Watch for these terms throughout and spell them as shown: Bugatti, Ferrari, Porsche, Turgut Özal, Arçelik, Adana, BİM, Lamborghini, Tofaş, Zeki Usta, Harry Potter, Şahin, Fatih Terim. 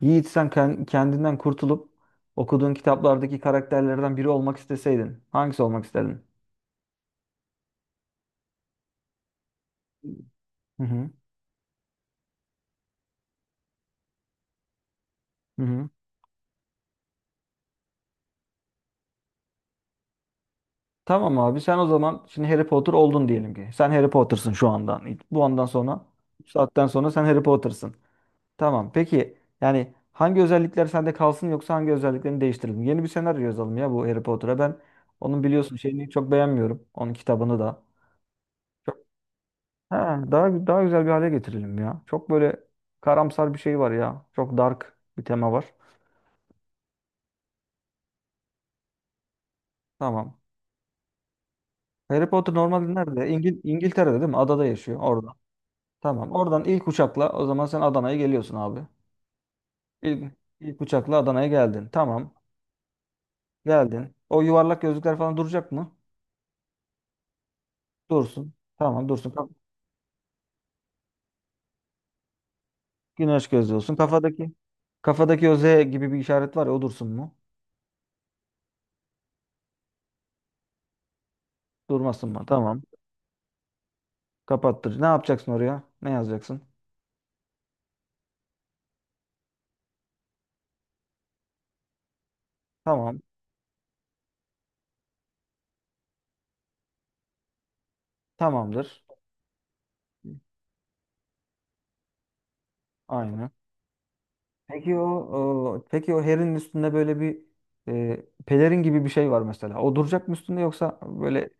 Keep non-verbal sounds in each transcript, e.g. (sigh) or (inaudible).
Yiğit, sen kendinden kurtulup okuduğun kitaplardaki karakterlerden biri olmak isteseydin hangisi olmak isterdin? Hı hı. Hı hı. Tamam abi, sen o zaman şimdi Harry Potter oldun diyelim ki. Sen Harry Potter'sın şu andan. Bu andan sonra bu saatten sonra sen Harry Potter'sın. Tamam, peki yani hangi özellikler sende kalsın yoksa hangi özelliklerini değiştirelim? Yeni bir senaryo yazalım ya bu Harry Potter'a. Ben onun biliyorsun şeyini çok beğenmiyorum. Onun kitabını da. Ha, daha güzel bir hale getirelim ya. Çok böyle karamsar bir şey var ya. Çok dark bir tema var. Tamam. Harry Potter normalde nerede? İngiltere'de değil mi? Adada yaşıyor orada. Tamam. Oradan ilk uçakla o zaman sen Adana'ya geliyorsun abi. İlk, ilk uçakla Adana'ya geldin. Tamam. Geldin. O yuvarlak gözlükler falan duracak mı? Dursun. Tamam, dursun. Güneş gözlüyorsun. Kafadaki o Z gibi bir işaret var ya, o dursun mu? Durmasın mı? Tamam. Kapattır. Ne yapacaksın oraya? Ne yazacaksın? Tamam. Tamamdır. Aynen. Peki o herin üstünde böyle bir pelerin gibi bir şey var mesela. O duracak mı üstünde, yoksa böyle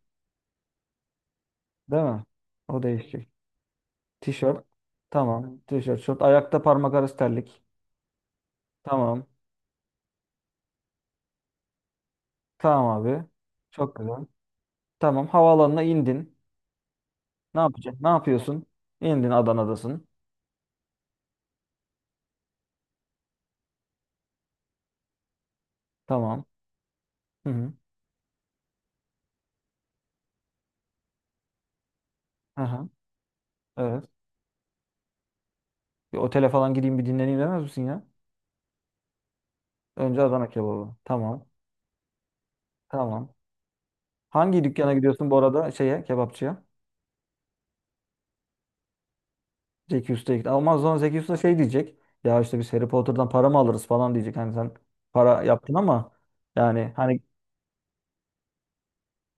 değil mi? O değişecek. Tişört. Tamam. Tişört, şort. Ayakta parmak arası terlik. Tamam. Tamam abi. Çok güzel. Tamam. Havaalanına indin. Ne yapacaksın? Ne yapıyorsun? İndin, Adana'dasın. Tamam. Hı hı. Aha. Evet. Bir otele falan gideyim, bir dinleneyim demez misin ya? Önce Adana kebabı. Tamam. Tamam. Hangi dükkana gidiyorsun bu arada, şeye, kebapçıya? Zeki Usta gitti. Ama o zaman Zeki Usta şey diyecek. Ya, işte biz Harry Potter'dan para mı alırız falan diyecek. Hani sen para yaptın ama yani hani,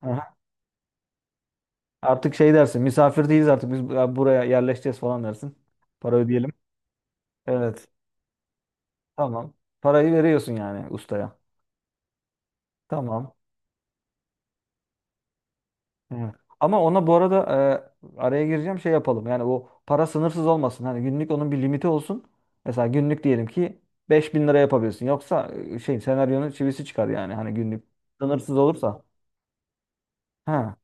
aha, artık şey dersin. Misafir değiliz artık biz, buraya yerleşeceğiz falan dersin. Para ödeyelim. Evet. Tamam. Parayı veriyorsun yani ustaya. Tamam. Evet. Ama ona bu arada araya gireceğim şey yapalım. Yani o para sınırsız olmasın. Hani günlük onun bir limiti olsun. Mesela günlük diyelim ki 5.000 lira yapabilirsin. Yoksa şey senaryonun çivisi çıkar yani. Hani günlük sınırsız olursa. Ha,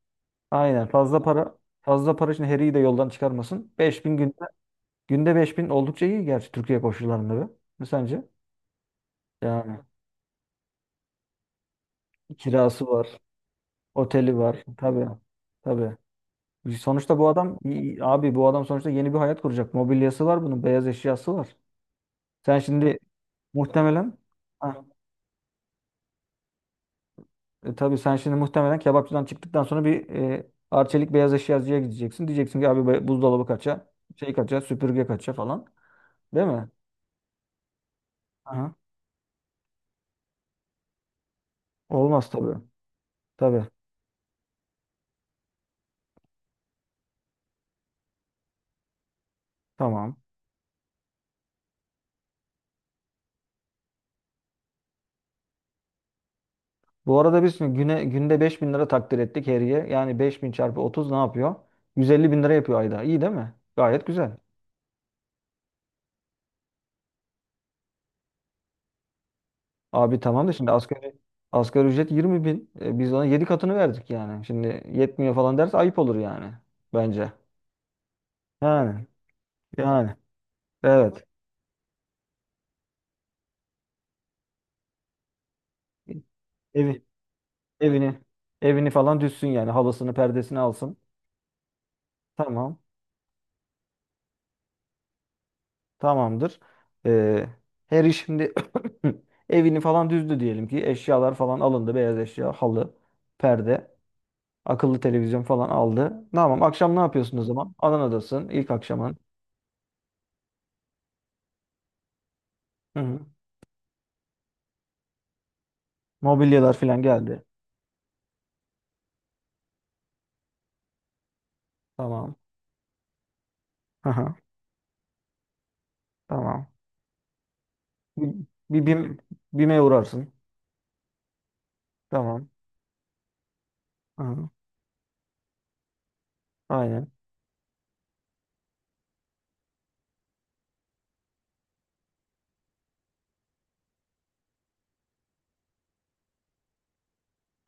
aynen. Fazla para, fazla para için Harry'i de yoldan çıkarmasın. 5.000 günde 5.000 oldukça iyi gerçi Türkiye koşullarında be. Ne sence? Yani kirası var, oteli var. Tabii. Tabii. Sonuçta bu adam, abi bu adam sonuçta yeni bir hayat kuracak. Mobilyası var bunun, beyaz eşyası var. Sen şimdi muhtemelen, ha, tabii sen şimdi muhtemelen kebapçıdan çıktıktan sonra bir Arçelik beyaz eşyacıya gideceksin. Diyeceksin ki abi, buzdolabı kaça, şey kaça, süpürge kaça falan. Değil mi? Olmaz tabii. Tabii. Tamam. Bu arada biz şimdi, günde 5.000 lira takdir ettik heriye. Yani 5.000 çarpı 30 ne yapıyor? 150.000 lira yapıyor ayda. İyi değil mi? Gayet güzel. Abi tamam da şimdi asgari ücret 20.000. Biz ona 7 katını verdik yani. Şimdi yetmiyor falan derse ayıp olur yani. Bence. Yani. Yani. Evet. Evi, evini evini falan düşsün yani. Halısını, perdesini alsın. Tamam. Tamamdır. Ee, Harry şimdi (coughs) evini falan düzdü diyelim ki. Eşyalar falan alındı. Beyaz eşya, halı, perde, akıllı televizyon falan aldı. Tamam. Akşam ne yapıyorsun o zaman? Adana'dasın. İlk akşamın. Hı hı. Mobilyalar falan geldi. Tamam. Hı hı. Tamam. Bir, bir BİM, BİM'e uğrarsın. Tamam. Hı hı. Aynen.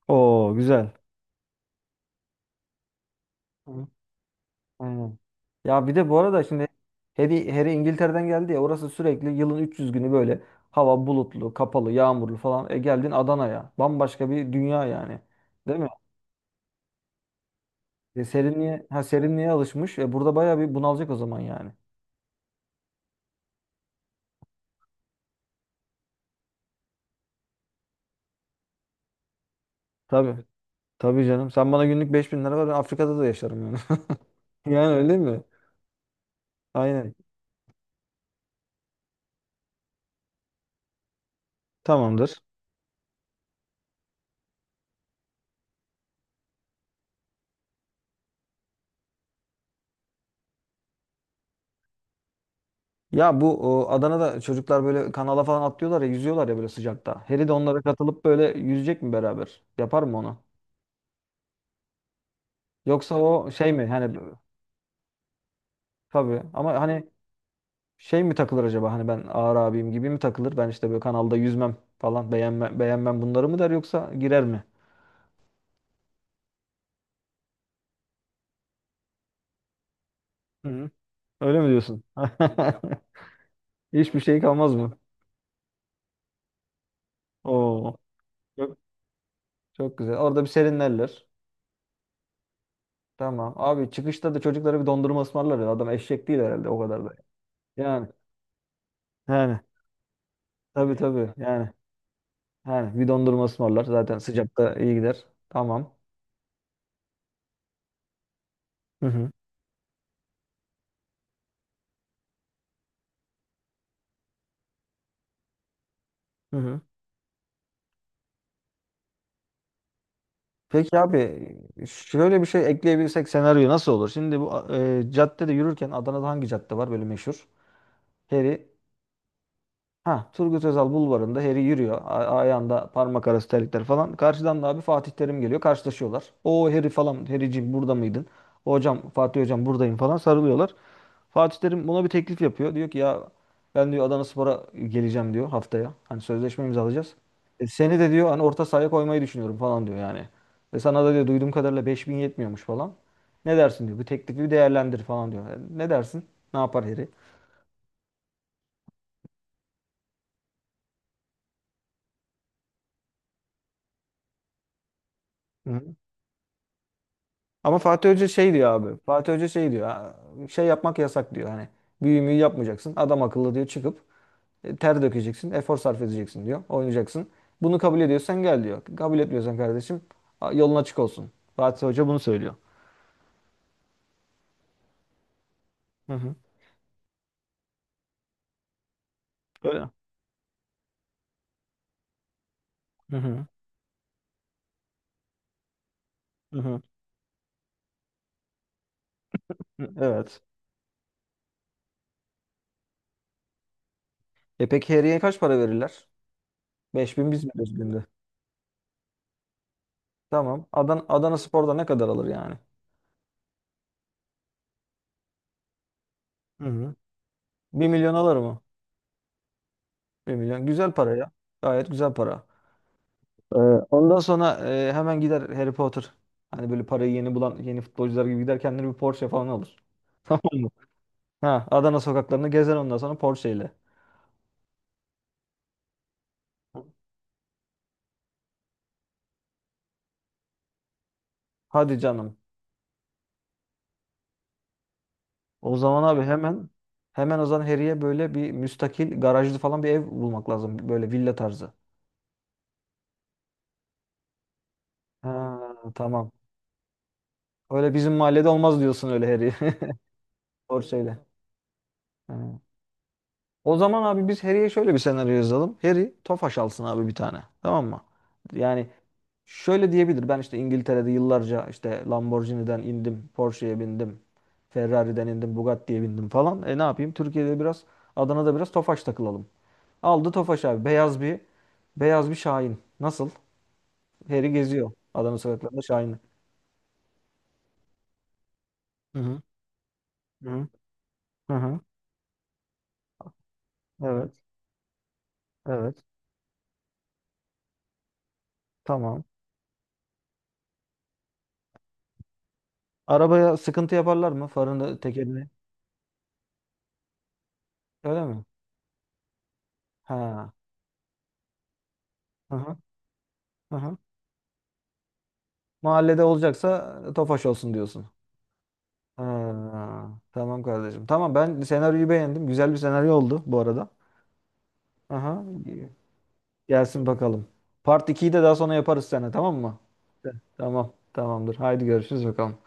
Oo, güzel. Aynen. Ya bir de bu arada şimdi, Harry İngiltere'den geldi ya, orası sürekli yılın 300 günü böyle hava bulutlu, kapalı, yağmurlu falan. E, geldin Adana'ya. Bambaşka bir dünya yani. Değil mi? Serinliğe alışmış. E, burada bayağı bir bunalacak o zaman yani. Tabii. Tabii canım. Sen bana günlük 5.000 lira ver, ben Afrika'da da yaşarım yani. (laughs) Yani öyle mi? Aynen. Tamamdır. Ya bu, Adana'da çocuklar böyle kanala falan atlıyorlar ya, yüzüyorlar ya böyle sıcakta. Harry de onlara katılıp böyle yüzecek mi beraber? Yapar mı onu? Yoksa o şey mi, hani tabii ama hani, şey mi takılır acaba, hani ben ağır abiyim gibi mi takılır? Ben işte böyle kanalda yüzmem falan, beğenmem, beğenmem bunları mı der yoksa girer mi? Hı. Öyle mi diyorsun? (laughs) Hiçbir şey kalmaz mı? Oo. Çok, çok güzel. Orada bir serinlerler. Tamam. Abi, çıkışta da çocuklara bir dondurma ısmarlar ya. Adam eşek değil herhalde o kadar da. Yani. Yani. Tabii tabii. Yani. Yani bir dondurma ısmarlar. Zaten sıcakta iyi gider. Tamam. Hı hı. Hı hı. Peki abi, şöyle bir şey ekleyebilsek senaryo nasıl olur? Şimdi bu caddede yürürken Adana'da hangi cadde var böyle meşhur? Heri Ha, Turgut Özal bulvarında Harry yürüyor. Ayağında parmak arası terlikler falan. Karşıdan da abi Fatih Terim geliyor. Karşılaşıyorlar. O Harry falan. Harry'ciğim burada mıydın? Hocam, Fatih hocam buradayım falan sarılıyorlar. Fatih Terim buna bir teklif yapıyor. Diyor ki ya, ben diyor Adanaspor'a geleceğim diyor haftaya. Hani sözleşme imzalayacağız. Seni de diyor hani orta sahaya koymayı düşünüyorum falan diyor yani. Ve sana da diyor duyduğum kadarıyla 5.000 yetmiyormuş falan. Ne dersin diyor. Bu teklifi bir değerlendir falan diyor. Yani ne dersin? Ne yapar Harry? Hı. Ama Fatih Hoca şey diyor abi. Fatih Hoca şey diyor: "Ha, şey yapmak yasak diyor. Hani büyümeyi yapmayacaksın. Adam akıllı diyor çıkıp ter dökeceksin. Efor sarf edeceksin diyor. Oynayacaksın. Bunu kabul ediyorsan gel diyor. Kabul etmiyorsan kardeşim, yolun açık olsun. Fatih Hoca bunu söylüyor. Hı hı. Öyle. Hı hı. Hı hı. Hı, evet. E peki Harry'e kaç para verirler? 5.000, biz veriyoruz günde. Tamam. Adana Spor'da ne kadar alır yani? Hı hı. 1.000.000 alır mı? 1.000.000. Güzel para ya. Gayet güzel para. Ee, Ondan sonra hemen gider Harry Potter. Hani böyle parayı yeni bulan yeni futbolcular gibi gider kendine bir Porsche falan alır. (laughs) Tamam mı? Ha, Adana sokaklarını gezer ondan sonra Porsche ile. Hadi canım. O zaman abi, hemen o zaman Harry'e böyle bir müstakil garajlı falan bir ev bulmak lazım. Böyle villa tarzı. Ha, tamam. Öyle bizim mahallede olmaz diyorsun öyle Harry. (laughs) Porsche ile. Ha. O zaman abi biz Harry'e şöyle bir senaryo yazalım. Harry Tofaş alsın abi bir tane. Tamam mı? Yani şöyle diyebilir: Ben işte İngiltere'de yıllarca işte Lamborghini'den indim, Porsche'ye bindim, Ferrari'den indim, Bugatti'ye bindim falan. E, ne yapayım? Türkiye'de biraz, Adana'da biraz Tofaş takılalım. Aldı Tofaş abi. Beyaz bir Şahin. Nasıl? Heri geziyor Adana sokaklarında Şahin'i. Hı hı. Hı hı. Hı hı. Evet. Evet. Tamam. Arabaya sıkıntı yaparlar mı? Farını, tekerini. Öyle mi? Ha. Hı hı. Hı hı. Mahallede olacaksa Tofaş olsun diyorsun. Ha, tamam kardeşim. Tamam, ben senaryoyu beğendim. Güzel bir senaryo oldu bu arada. Aha. Gelsin bakalım. Part 2'yi de daha sonra yaparız seninle, tamam mı? Tamam. Tamamdır. Haydi görüşürüz bakalım.